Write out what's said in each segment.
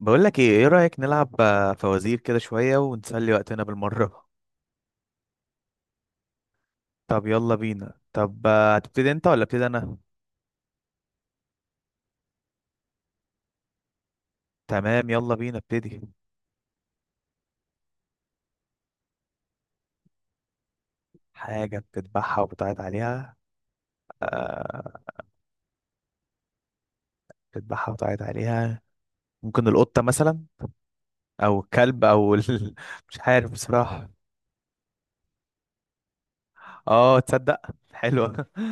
بقول لك ايه رأيك؟ نلعب فوازير كده شوية ونسلي وقتنا بالمرة. طب يلا بينا. طب هتبتدي انت ولا ابتدي انا؟ تمام، يلا بينا. ابتدي. حاجة بتذبحها وبتعيط عليها؟ آه. بتذبحها وبتعيط عليها. ممكن القطة مثلا، او الكلب او مش عارف بصراحة. اه، تصدق. حلوة.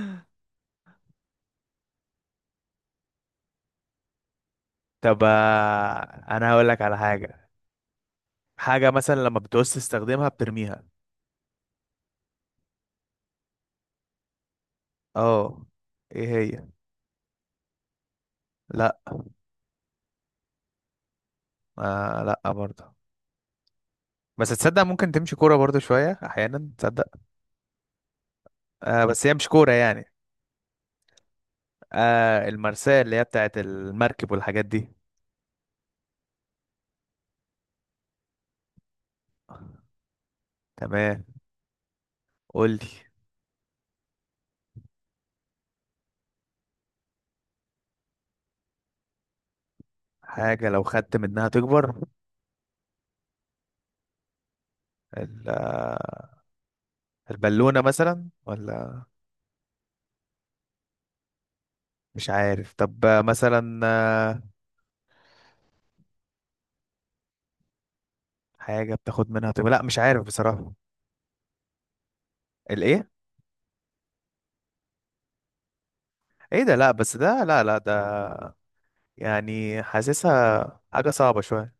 طب انا هقول لك على حاجة. حاجة مثلا لما بتعوز تستخدمها بترميها. اه. ايه هي؟ لا. آه لا، برضه. بس تصدق ممكن تمشي كورة برضو شوية أحيانا، تصدق. آه، بس هي مش كورة يعني. آه، المرساة اللي هي بتاعت المركب والحاجات دي. تمام. قولي. حاجة لو خدت منها تكبر. ال- آه، البالونة مثلا ولا؟ مش عارف. طب مثلا حاجة بتاخد منها تكبر. لا، مش عارف بصراحة. الإيه؟ إيه ده؟ لا بس ده. لا لا، ده يعني حاسسها حاجة صعبة شوية.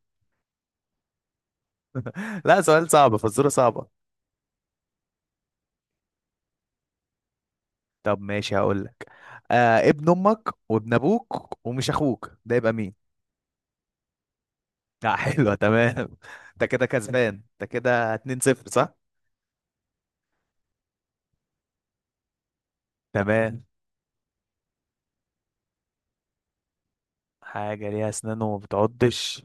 لا، سؤال صعب، فزورة صعبة. طب ماشي، هقول لك. ابن امك وابن ابوك ومش اخوك، ده يبقى مين؟ لا، حلوه. تمام. انت كده كسبان، انت كده 2-0، صح. تمام. حاجه ليها اسنان وما بتعضش.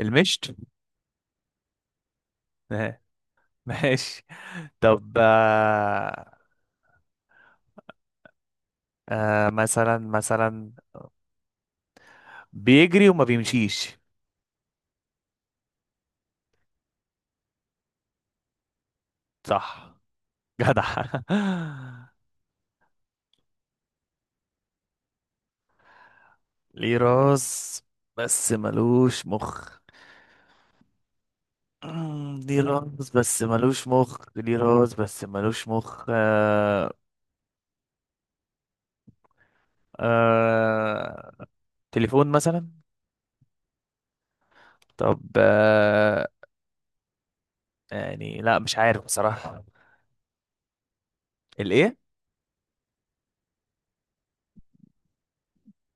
المشط. آه. ماشي. طب مثلا بيجري وما بيمشيش. صح. جدع. ليه راس بس ملوش مخ. ليه راس بس ملوش مخ، ليه راس بس ملوش مخ. آه تليفون مثلا. طب يعني لا، مش عارف بصراحة. الايه؟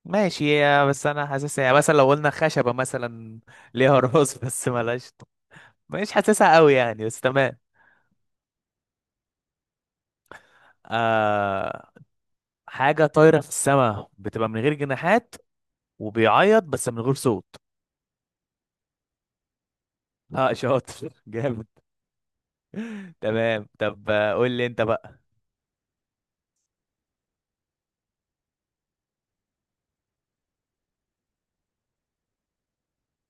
ماشي بس انا حاسسها يعني، مثلا لو قلنا خشبة مثلا، ليها راس بس ملهاش. مش حاسسها قوي يعني، بس تمام. آه، حاجة طايرة في السماء بتبقى من غير جناحات وبيعيط بس من غير صوت. اه، شاطر. جامد. تمام. طب قول لي انت بقى.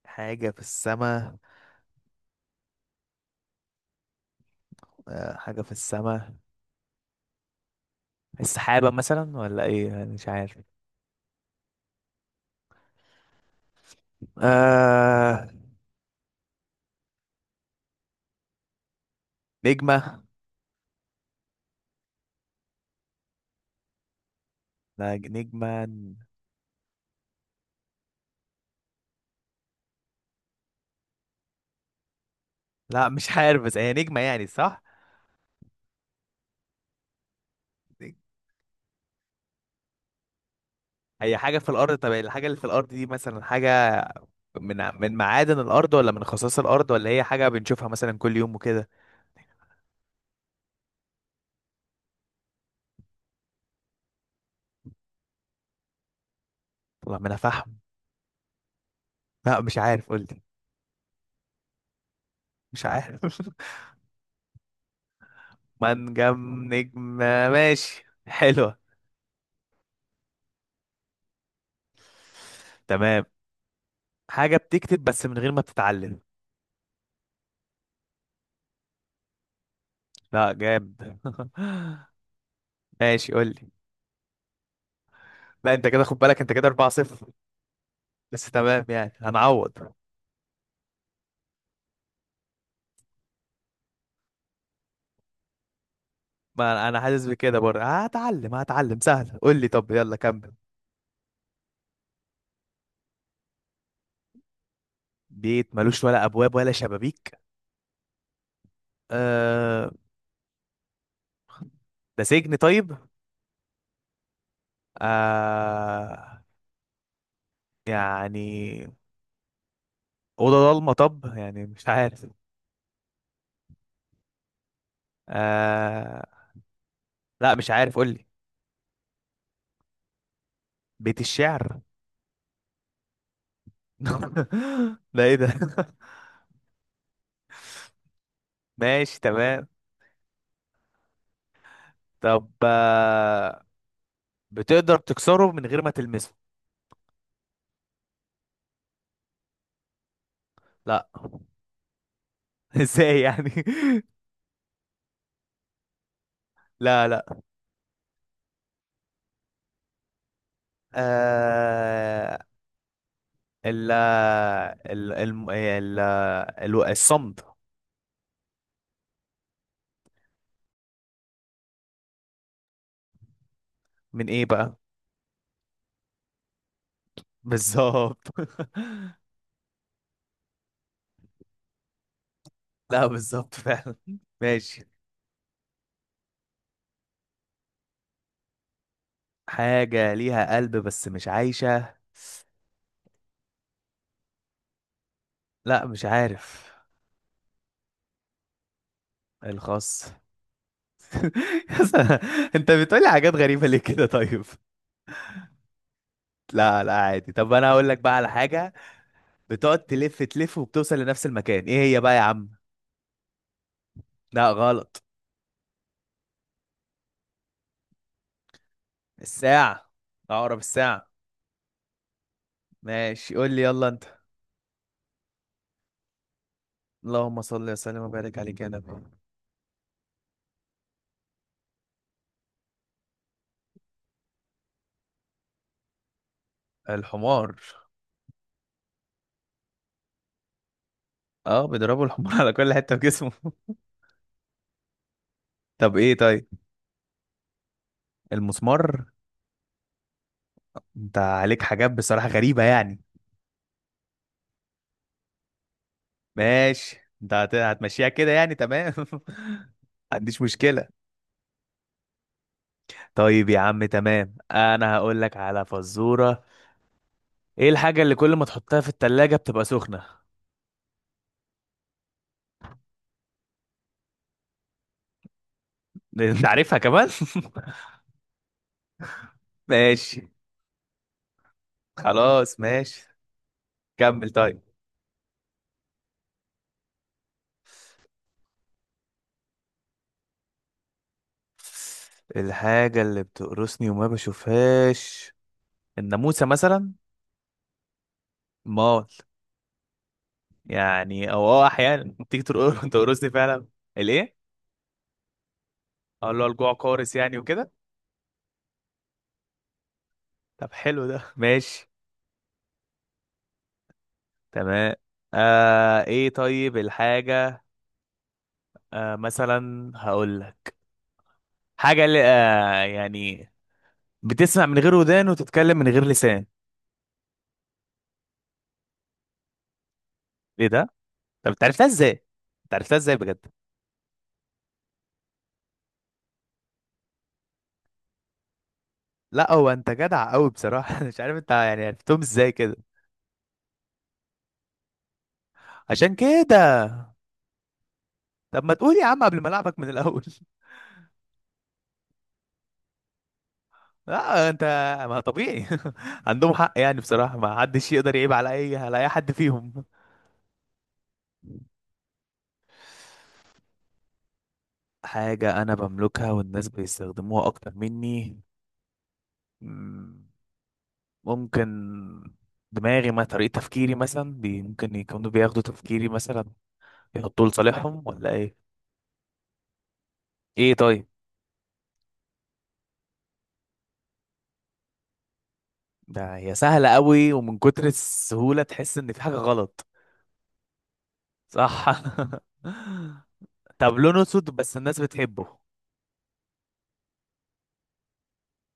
حاجة في السماء. حاجة في السماء. السحابة مثلا ولا ايه؟ أنا مش عارف. آه نجمة. لا، نجمة. لا مش عارف، بس هي نجمة يعني، صح. نج- هي حاجة في الأرض. طب الحاجة اللي في الأرض دي مثلا حاجة من معادن الأرض، ولا من خصائص الأرض، ولا هي حاجة بنشوفها مثلا كل يوم وكده؟ والله ما أنا فاهم. لا مش عارف، قلت. مش عارف. منجم، نجمة، ماشي، حلوة. تمام. حاجة بتكتب بس من غير ما بتتعلم. لا جامد. ماشي، قول لي. لا، انت كده خد بالك، انت كده 4-0. بس تمام يعني، هنعوض. ما أنا حاسس بكده برضه. هتعلم هتعلم، سهل. قول لي، طب يلا كمل. بيت ملوش ولا ابواب ولا شبابيك. آه. ده سجن، طيب. آه. يعني اوضه ضلمه، طب يعني مش عارف. آه. لا مش عارف، قول لي. بيت الشعر. ده ايه ده؟ ماشي، تمام. طب بتقدر تكسره من غير ما تلمسه. لا. ازاي يعني؟ لا لا. آه... ال ال الم- ال ال الصمد. من ايه بقى؟ بالظبط. لا، بالظبط فعلا. ماشي. حاجة ليها قلب بس مش عايشة. لا، مش عارف. الخاص. يا، انت بتقولي حاجات غريبة ليه كده؟ طيب، لا لا عادي. طب انا هقول لك بقى على حاجة. بتقعد تلف تلف وبتوصل لنفس المكان، ايه هي بقى يا عم؟ لا غلط. الساعة. عقرب الساعة. ماشي، قول لي يلا انت. اللهم صل وسلم وبارك عليك يا نبي. الحمار. اه، بيضربوا الحمار على كل حتة في جسمه. طب ايه طيب؟ المسمار. انت عليك حاجات بصراحة غريبة يعني. ماشي، انت هتمشيها كده يعني، تمام. عنديش مشكلة. طيب يا عم تمام، انا هقول لك على فزورة. ايه الحاجة اللي كل ما تحطها في التلاجة بتبقى سخنة؟ انت عارفها كمان؟ ماشي. خلاص ماشي، كمل طيب. الحاجة اللي بتقرصني وما بشوفهاش. الناموسة مثلا. مال. يعني او احيانا تيجي تقرصني فعلا. الايه؟ اقول له الجوع قارس، يعني وكده. طب حلو ده. ماشي، تمام. ايه طيب الحاجة، مثلا هقول لك حاجة اللي يعني بتسمع من غير ودان وتتكلم من غير لسان. ايه ده؟ طب انت عرفتها ازاي؟ انت عرفتها ازاي بجد؟ لا هو انت جدع قوي بصراحة. مش عارف انت يعني عرفتهم ازاي كده. عشان كده. طب ما تقول يا عم قبل ما العبك من الاول. لا انت. ما طبيعي. عندهم حق يعني بصراحه، ما حدش يقدر يعيب على اي حد فيهم. حاجه انا بملكها والناس بيستخدموها اكتر مني. مم، ممكن دماغي، ما طريقه تفكيري مثلا بي، ممكن يكونوا بياخدوا تفكيري مثلا يحطوه لصالحهم، ولا ايه؟ ايه طيب. ده هي سهله قوي ومن كتر السهوله تحس ان في حاجه غلط. صح. طب لونه اسود بس الناس بتحبه.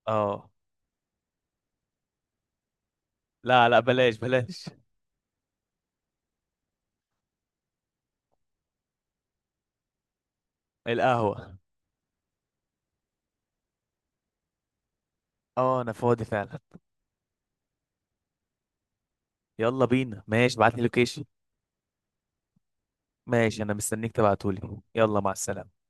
اه. لا لا، بلاش بلاش. القهوة. اه، انا فاضي فعلا. يلا بينا، ماشي، ابعت لي لوكيشن. ماشي، انا مستنيك تبعتولي، يلا مع السلامة.